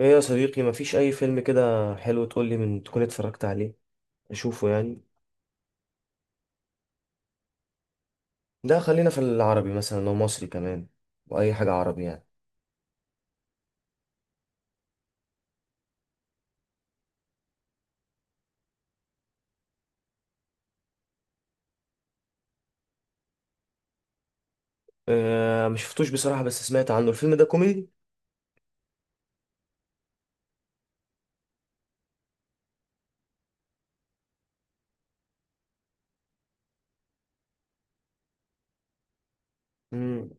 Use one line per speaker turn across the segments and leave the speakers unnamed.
ايه يا صديقي، مفيش اي فيلم كده حلو تقول لي من تكون اتفرجت عليه، اشوفه يعني. ده خلينا في العربي، مثلا لو مصري كمان، واي حاجه عربي يعني. اه، مش شفتوش بصراحه، بس سمعت عنه. الفيلم ده كوميدي؟ امم.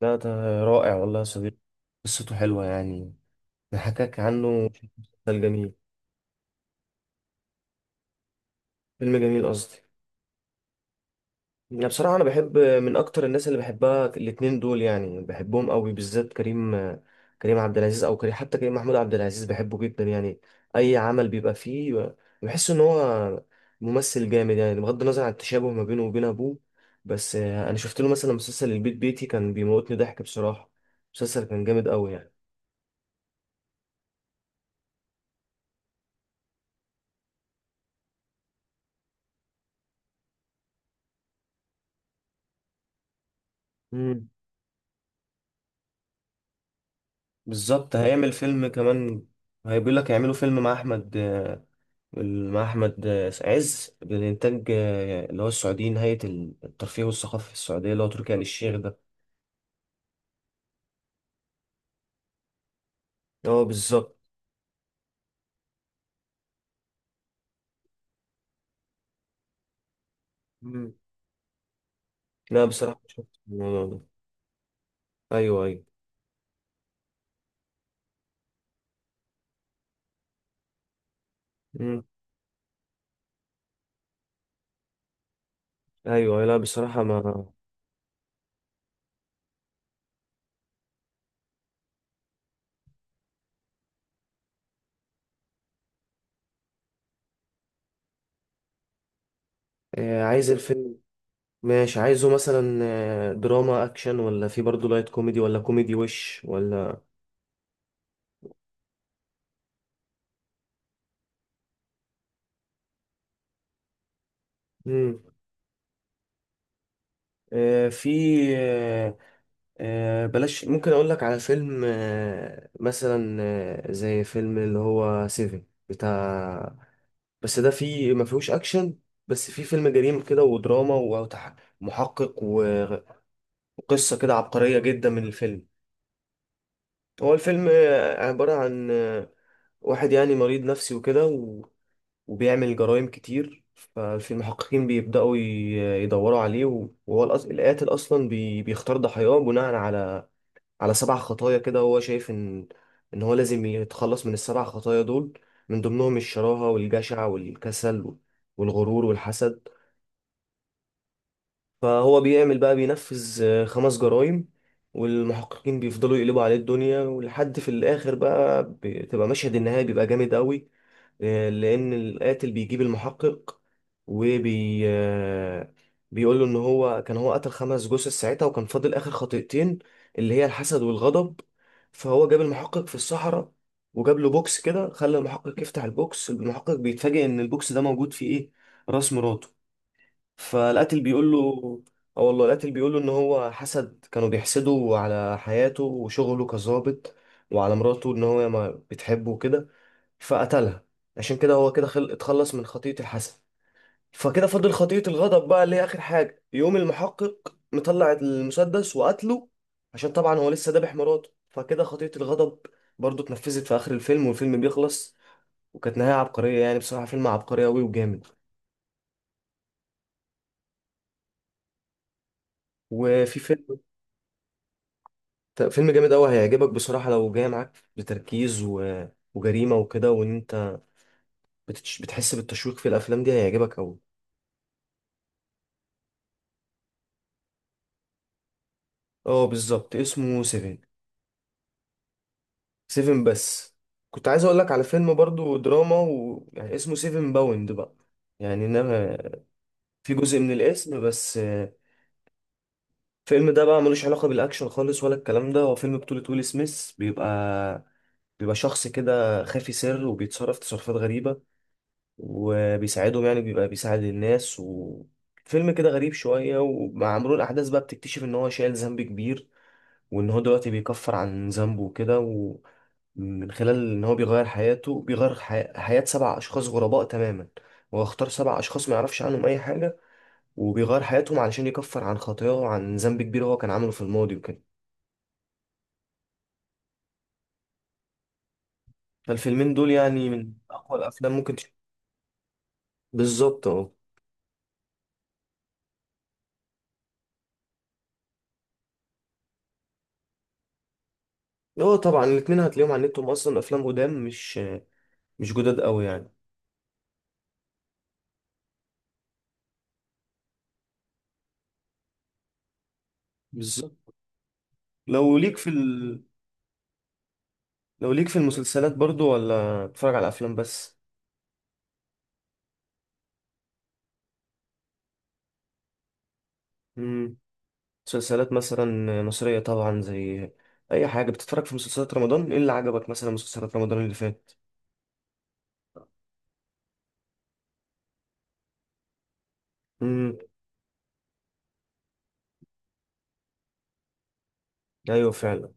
ده رائع والله يا صديقي، قصته حلوه يعني، نحكاك عنه مسلسل جميل، فيلم جميل قصدي. يعني بصراحة أنا بحب من أكتر الناس اللي بحبها الاتنين دول، يعني بحبهم قوي، بالذات كريم عبد العزيز أو كريم، حتى كريم محمود عبد العزيز بحبه جدا يعني. أي عمل بيبقى فيه بحس إن هو ممثل جامد، يعني بغض النظر عن التشابه ما بينه وبين أبوه. بس أنا شفت له مثلا مسلسل البيت بيتي، كان بيموتني ضحك بصراحة، مسلسل كان جامد قوي يعني. مم. بالظبط، هيعمل فيلم كمان. هيقول لك هيعملوا فيلم مع أحمد عز بالإنتاج، اللي هو السعودي، نهاية الترفيه والثقافة في السعودية اللي هو تركي آل الشيخ ده. اه بالظبط. مم. لا بصراحة شفت الموضوع ده. أيوه أيوه. مم. أيوه لا بصراحة ما عايز الفيلم. ماشي، عايزه مثلا دراما أكشن، ولا في برضه لايت كوميدي، ولا كوميدي وش ولا. مم. في آه، بلاش، ممكن أقول لك على فيلم مثلا زي فيلم اللي هو سيفن بتاع. بس ده فيه ما فيهوش اكشن، بس فيه فيلم جريمه كده ودراما ومحقق وقصه كده عبقريه جدا من الفيلم. هو الفيلم عباره عن واحد يعني مريض نفسي وكده وبيعمل جرائم كتير. ففي المحققين بيبداوا يدوروا عليه وهو القاتل اصلا بيختار ضحاياه بناء على سبع خطايا كده، هو شايف ان هو لازم يتخلص من السبع خطايا دول. من ضمنهم الشراهه والجشع والكسل والغرور والحسد. فهو بيعمل بقى بينفذ خمس جرائم، والمحققين بيفضلوا يقلبوا عليه الدنيا، ولحد في الآخر بقى بتبقى مشهد النهاية بيبقى جامد قوي. لأن القاتل بيجيب المحقق وبي آه، بيقول له إن هو كان هو قتل خمس جثث ساعتها، وكان فاضل آخر خطيئتين اللي هي الحسد والغضب. فهو جاب المحقق في الصحراء، وجاب له بوكس كده، خلى المحقق يفتح البوكس، المحقق بيتفاجئ إن البوكس ده موجود فيه إيه، راس مراته. فالقاتل بيقول له اه والله القاتل بيقول له ان هو حسد، كانوا بيحسدوا على حياته وشغله كظابط، وعلى مراته ان هو ما بتحبه وكده، فقتلها. عشان كده هو كده اتخلص من خطية الحسد. فكده فضل خطية الغضب بقى، اللي هي اخر حاجة، يقوم المحقق مطلع المسدس وقتله. عشان طبعا هو لسه ذابح مراته، فكده خطية الغضب برضه اتنفذت في اخر الفيلم، والفيلم بيخلص. وكانت نهاية عبقرية، يعني بصراحة فيلم عبقري قوي وجامد. وفي فيلم، طب فيلم جامد قوي هيعجبك بصراحة، لو جاي معاك بتركيز وجريمة وكده، وان انت بتحس بالتشويق في الافلام دي، هيعجبك قوي. اه بالظبط، اسمه سيفن. سيفن بس. كنت عايز اقول لك على فيلم برضو دراما يعني اسمه سيفن باوند بقى. يعني انما في جزء من الاسم بس. الفيلم ده بقى ملوش علاقة بالاكشن خالص ولا الكلام ده. هو فيلم بطولة ويل سميث، بيبقى شخص كده خافي سر وبيتصرف تصرفات غريبة، وبيساعدهم يعني بيبقى بيساعد الناس، وفيلم كده غريب شوية. ومع مرور الأحداث بقى بتكتشف إن هو شايل ذنب كبير، وإن هو دلوقتي بيكفر عن ذنبه وكده، ومن خلال إن هو بيغير حياته، بيغير حياة سبع أشخاص غرباء تماما. هو اختار سبع أشخاص ما يعرفش عنهم أي حاجة، وبيغير حياتهم علشان يكفر عن خطاياه، وعن ذنب كبير هو كان عامله في الماضي وكده. فالفيلمين دول يعني من أقوى الأفلام، ممكن بالظبط أه. هو طبعا الاتنين هتلاقيهم على النت، هم أصلا أفلام قدام، مش جداد أوي يعني. بالظبط. لو ليك في ال... لو ليك في المسلسلات برضو، ولا بتتفرج على افلام بس؟ امم مسلسلات مثلا مصرية طبعا، زي اي حاجة بتتفرج. في مسلسلات رمضان، ايه اللي عجبك؟ مثلا مسلسلات رمضان اللي فات. امم ايوه فعلا.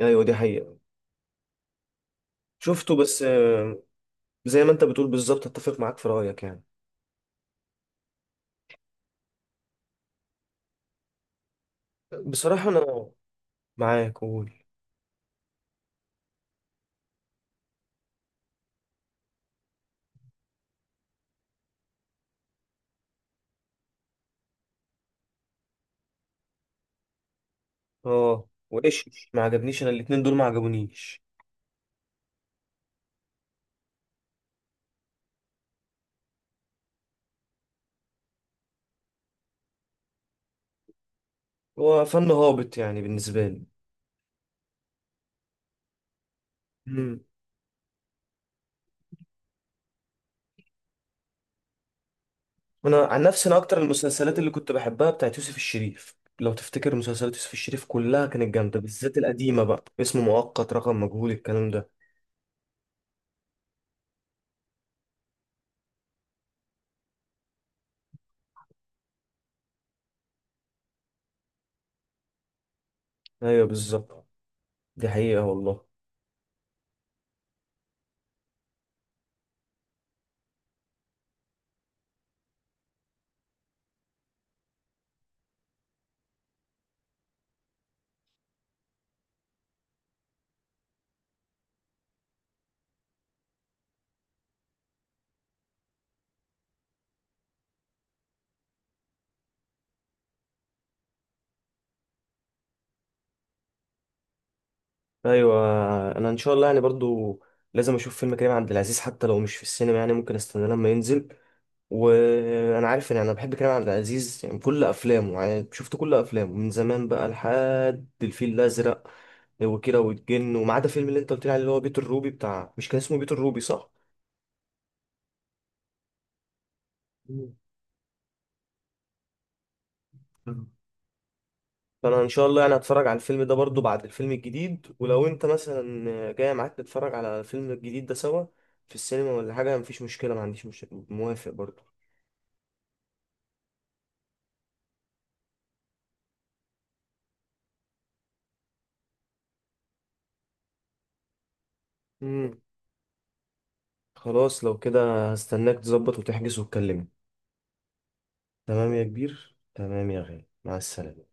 ايوه دي حقيقة. شفته بس زي ما انت بتقول بالظبط، اتفق معاك في رأيك يعني. بصراحة انا معاك، قول. اه، وايش ما عجبنيش، انا الاتنين دول ما عجبونيش. هو فن هابط يعني بالنسبة لي. انا عن نفسي، انا اكتر المسلسلات اللي كنت بحبها بتاعت يوسف الشريف، لو تفتكر. مسلسلات يوسف الشريف كلها كانت جامده، بالذات القديمه بقى، اسم مؤقت، رقم مجهول، الكلام ده. ايوه بالظبط، دي حقيقه والله. ايوه، انا ان شاء الله يعني برضو لازم اشوف فيلم كريم عبد العزيز، حتى لو مش في السينما يعني، ممكن استنى لما ينزل. وانا عارف ان انا بحب كريم عبد العزيز يعني كل افلامه، يعني شفت كل افلامه من زمان بقى لحد الفيل الازرق وكيرة والجن، وما عدا فيلم اللي انت قلت لي عليه اللي هو بيت الروبي بتاع، مش كان اسمه بيت الروبي، صح؟ مم. فانا ان شاء الله يعني هتفرج على الفيلم ده برضو بعد الفيلم الجديد. ولو انت مثلا جاي، معاك نتفرج على الفيلم الجديد ده سوا في السينما ولا حاجه، مفيش مشكله، ما عنديش مشكله، موافق برضو. مم. خلاص، لو كده هستناك تظبط وتحجز وتكلمني. تمام يا كبير، تمام يا غالي، مع السلامه.